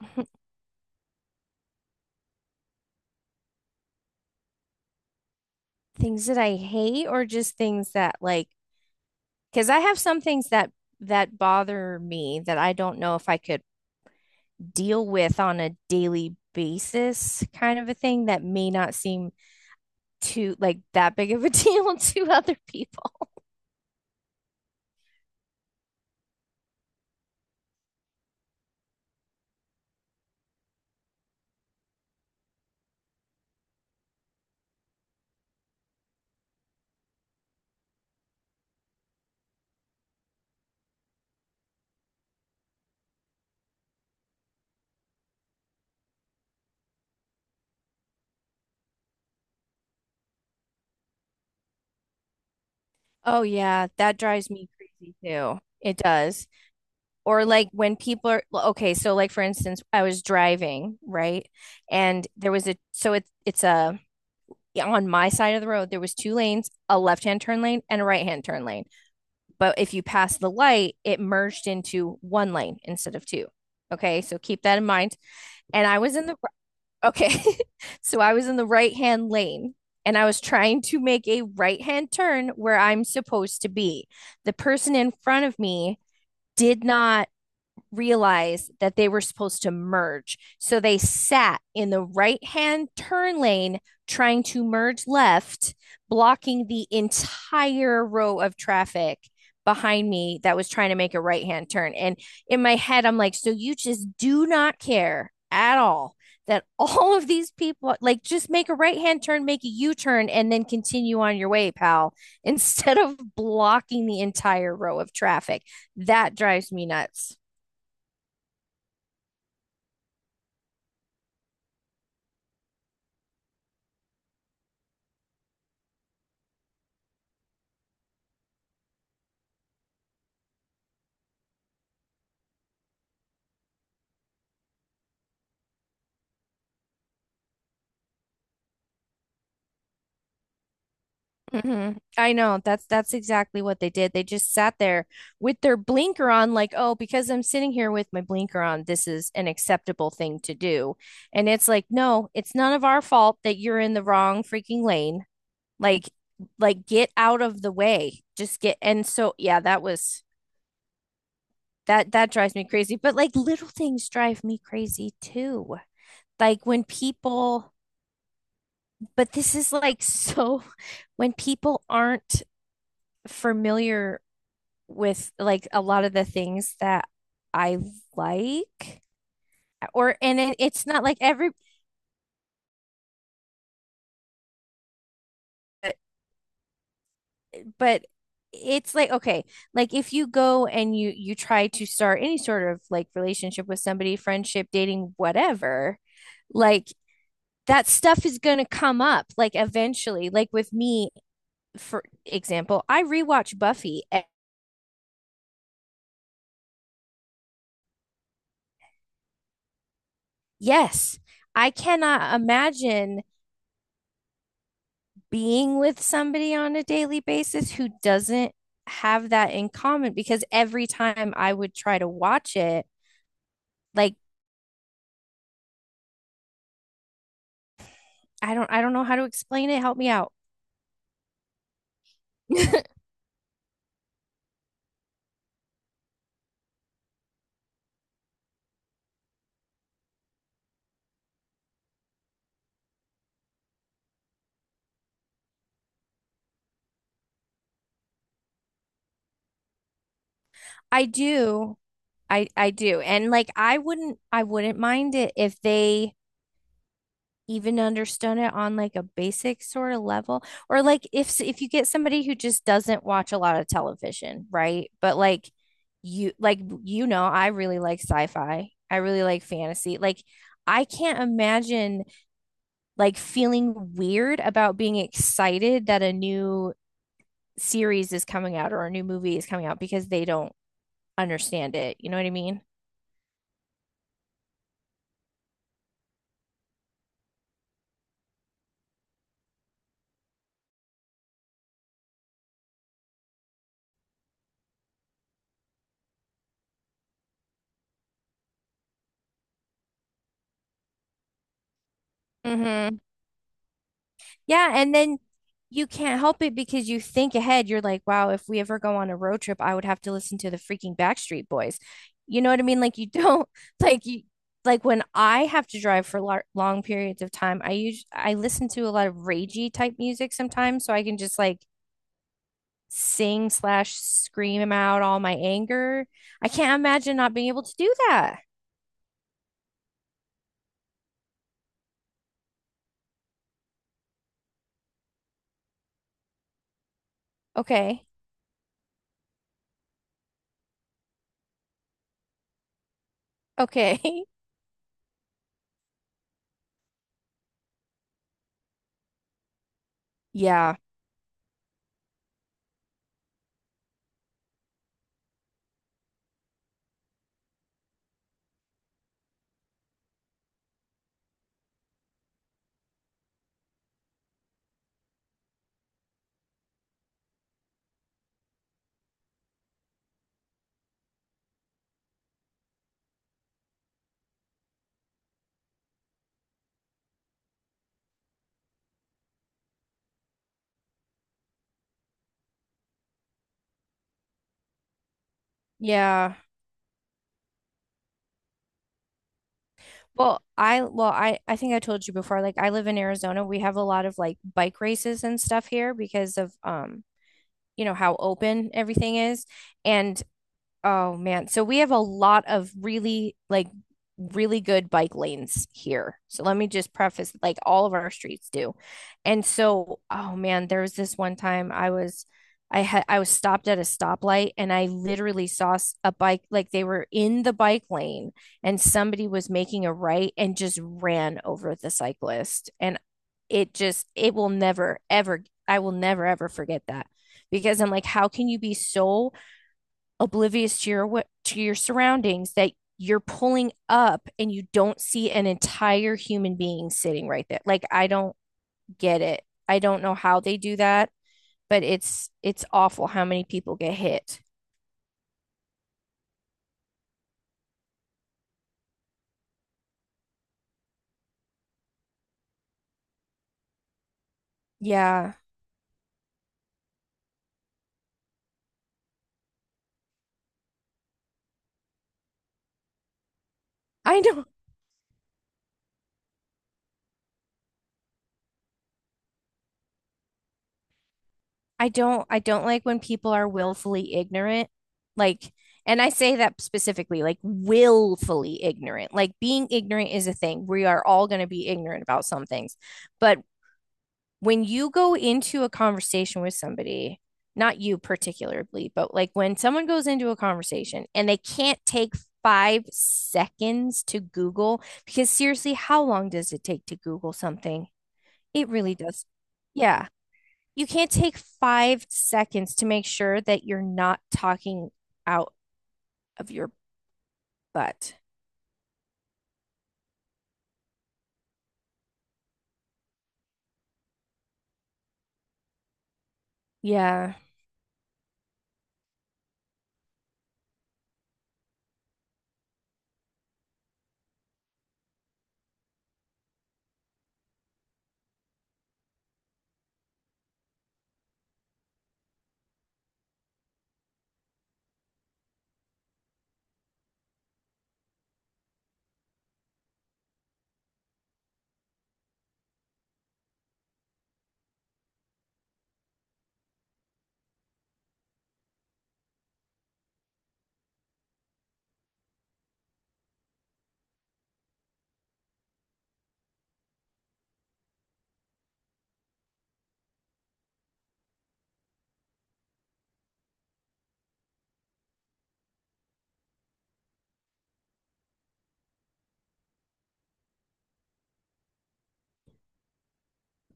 Things that I hate or just things that, like, because I have some things that that bother me that I don't know if I could deal with on a daily basis, kind of a thing that may not seem too like that big of a deal to other people. Oh yeah, that drives me crazy too. It does. Or like when people are okay, so like for instance, I was driving, right? And there was a so it's a on my side of the road there was two lanes, a left-hand turn lane and a right-hand turn lane, but if you pass the light it merged into one lane instead of two. Okay, so keep that in mind. And I was in the Okay. So I was in the right-hand lane and I was trying to make a right-hand turn where I'm supposed to be. The person in front of me did not realize that they were supposed to merge. So they sat in the right hand turn lane trying to merge left, blocking the entire row of traffic behind me that was trying to make a right hand turn. And in my head, I'm like, so you just do not care at all that all of these people, like, just make a right hand turn, make a U turn, and then continue on your way, pal, instead of blocking the entire row of traffic. That drives me nuts. hmm I know. That's exactly what they did. They just sat there with their blinker on, like, oh, because I'm sitting here with my blinker on, this is an acceptable thing to do. And it's like, no, it's none of our fault that you're in the wrong freaking lane. Like, like get out of the way. Just get. And so, yeah, that was that drives me crazy. But like little things drive me crazy too. Like when but this is like so when people aren't familiar with like a lot of the things that I like. It's not like every but, it's like okay, like if you go and you try to start any sort of like relationship with somebody, friendship, dating, whatever, like that stuff is going to come up, like eventually, like with me. For example, I rewatch Buffy. Yes. I cannot imagine being with somebody on a daily basis who doesn't have that in common, because every time I would try to watch it, like, I don't know how to explain it. Help me out. I do. I do. And like I wouldn't mind it if they even understand it on like a basic sort of level, or like if you get somebody who just doesn't watch a lot of television, right? But like, you, like, you know, I really like sci-fi, I really like fantasy, like I can't imagine like feeling weird about being excited that a new series is coming out or a new movie is coming out because they don't understand it, you know what I mean? hmm yeah, and then you can't help it because you think ahead. You're like, wow, if we ever go on a road trip, I would have to listen to the freaking Backstreet Boys. You know what I mean? Like you don't like you, like when I have to drive for lar long periods of time, I listen to a lot of ragey type music sometimes, so I can just like sing slash scream out all my anger. I can't imagine not being able to do that. Okay. Okay. Yeah. Yeah. Well, I think I told you before, like I live in Arizona. We have a lot of like bike races and stuff here because of you know, how open everything is. And, oh man. So we have a lot of really like really good bike lanes here. So let me just preface, like, all of our streets do. And so, oh man, there was this one time I was, I was stopped at a stoplight and I literally saw a bike, like they were in the bike lane and somebody was making a right and just ran over the cyclist. And it just, it will never ever, I will never ever forget that, because I'm like, how can you be so oblivious to your, to your surroundings that you're pulling up and you don't see an entire human being sitting right there. Like, I don't get it. I don't know how they do that, but it's awful how many people get hit. Yeah. I don't I don't like when people are willfully ignorant. Like, and I say that specifically, like willfully ignorant. Like being ignorant is a thing. We are all going to be ignorant about some things, but when you go into a conversation with somebody, not you particularly, but like when someone goes into a conversation and they can't take 5 seconds to Google, because seriously, how long does it take to Google something? It really does. Yeah. You can't take 5 seconds to make sure that you're not talking out of your butt. Yeah.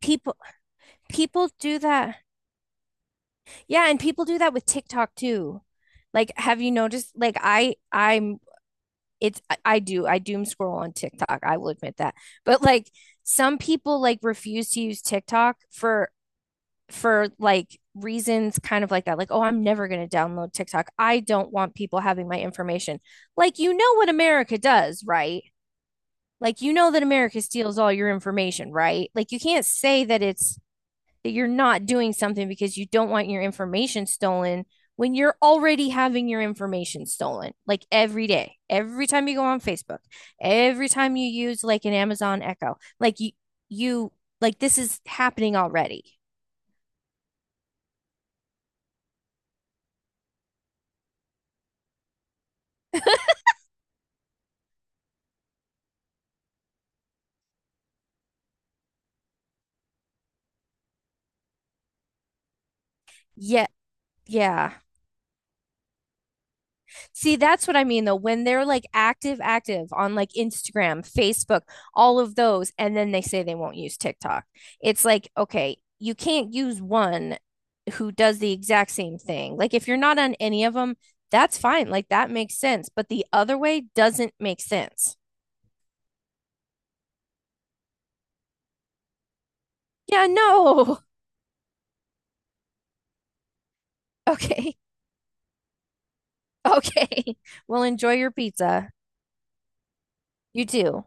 People people do that. Yeah, and people do that with TikTok too. Like, have you noticed? Like, I I'm it's I, do I doom scroll on TikTok? I will admit that. But like some people like refuse to use TikTok for like reasons kind of like that. Like, oh, I'm never going to download TikTok. I don't want people having my information. Like, you know what America does, right? Like, you know that America steals all your information, right? Like, you can't say that it's, that you're not doing something because you don't want your information stolen when you're already having your information stolen, like every day, every time you go on Facebook, every time you use like an Amazon Echo, like you like, this is happening already. Yeah. Yeah. See, that's what I mean though. When they're like active, active on like Instagram, Facebook, all of those, and then they say they won't use TikTok. It's like, okay, you can't use one who does the exact same thing. Like if you're not on any of them, that's fine. Like that makes sense. But the other way doesn't make sense. Yeah, no. Okay. Okay. Well, enjoy your pizza. You too.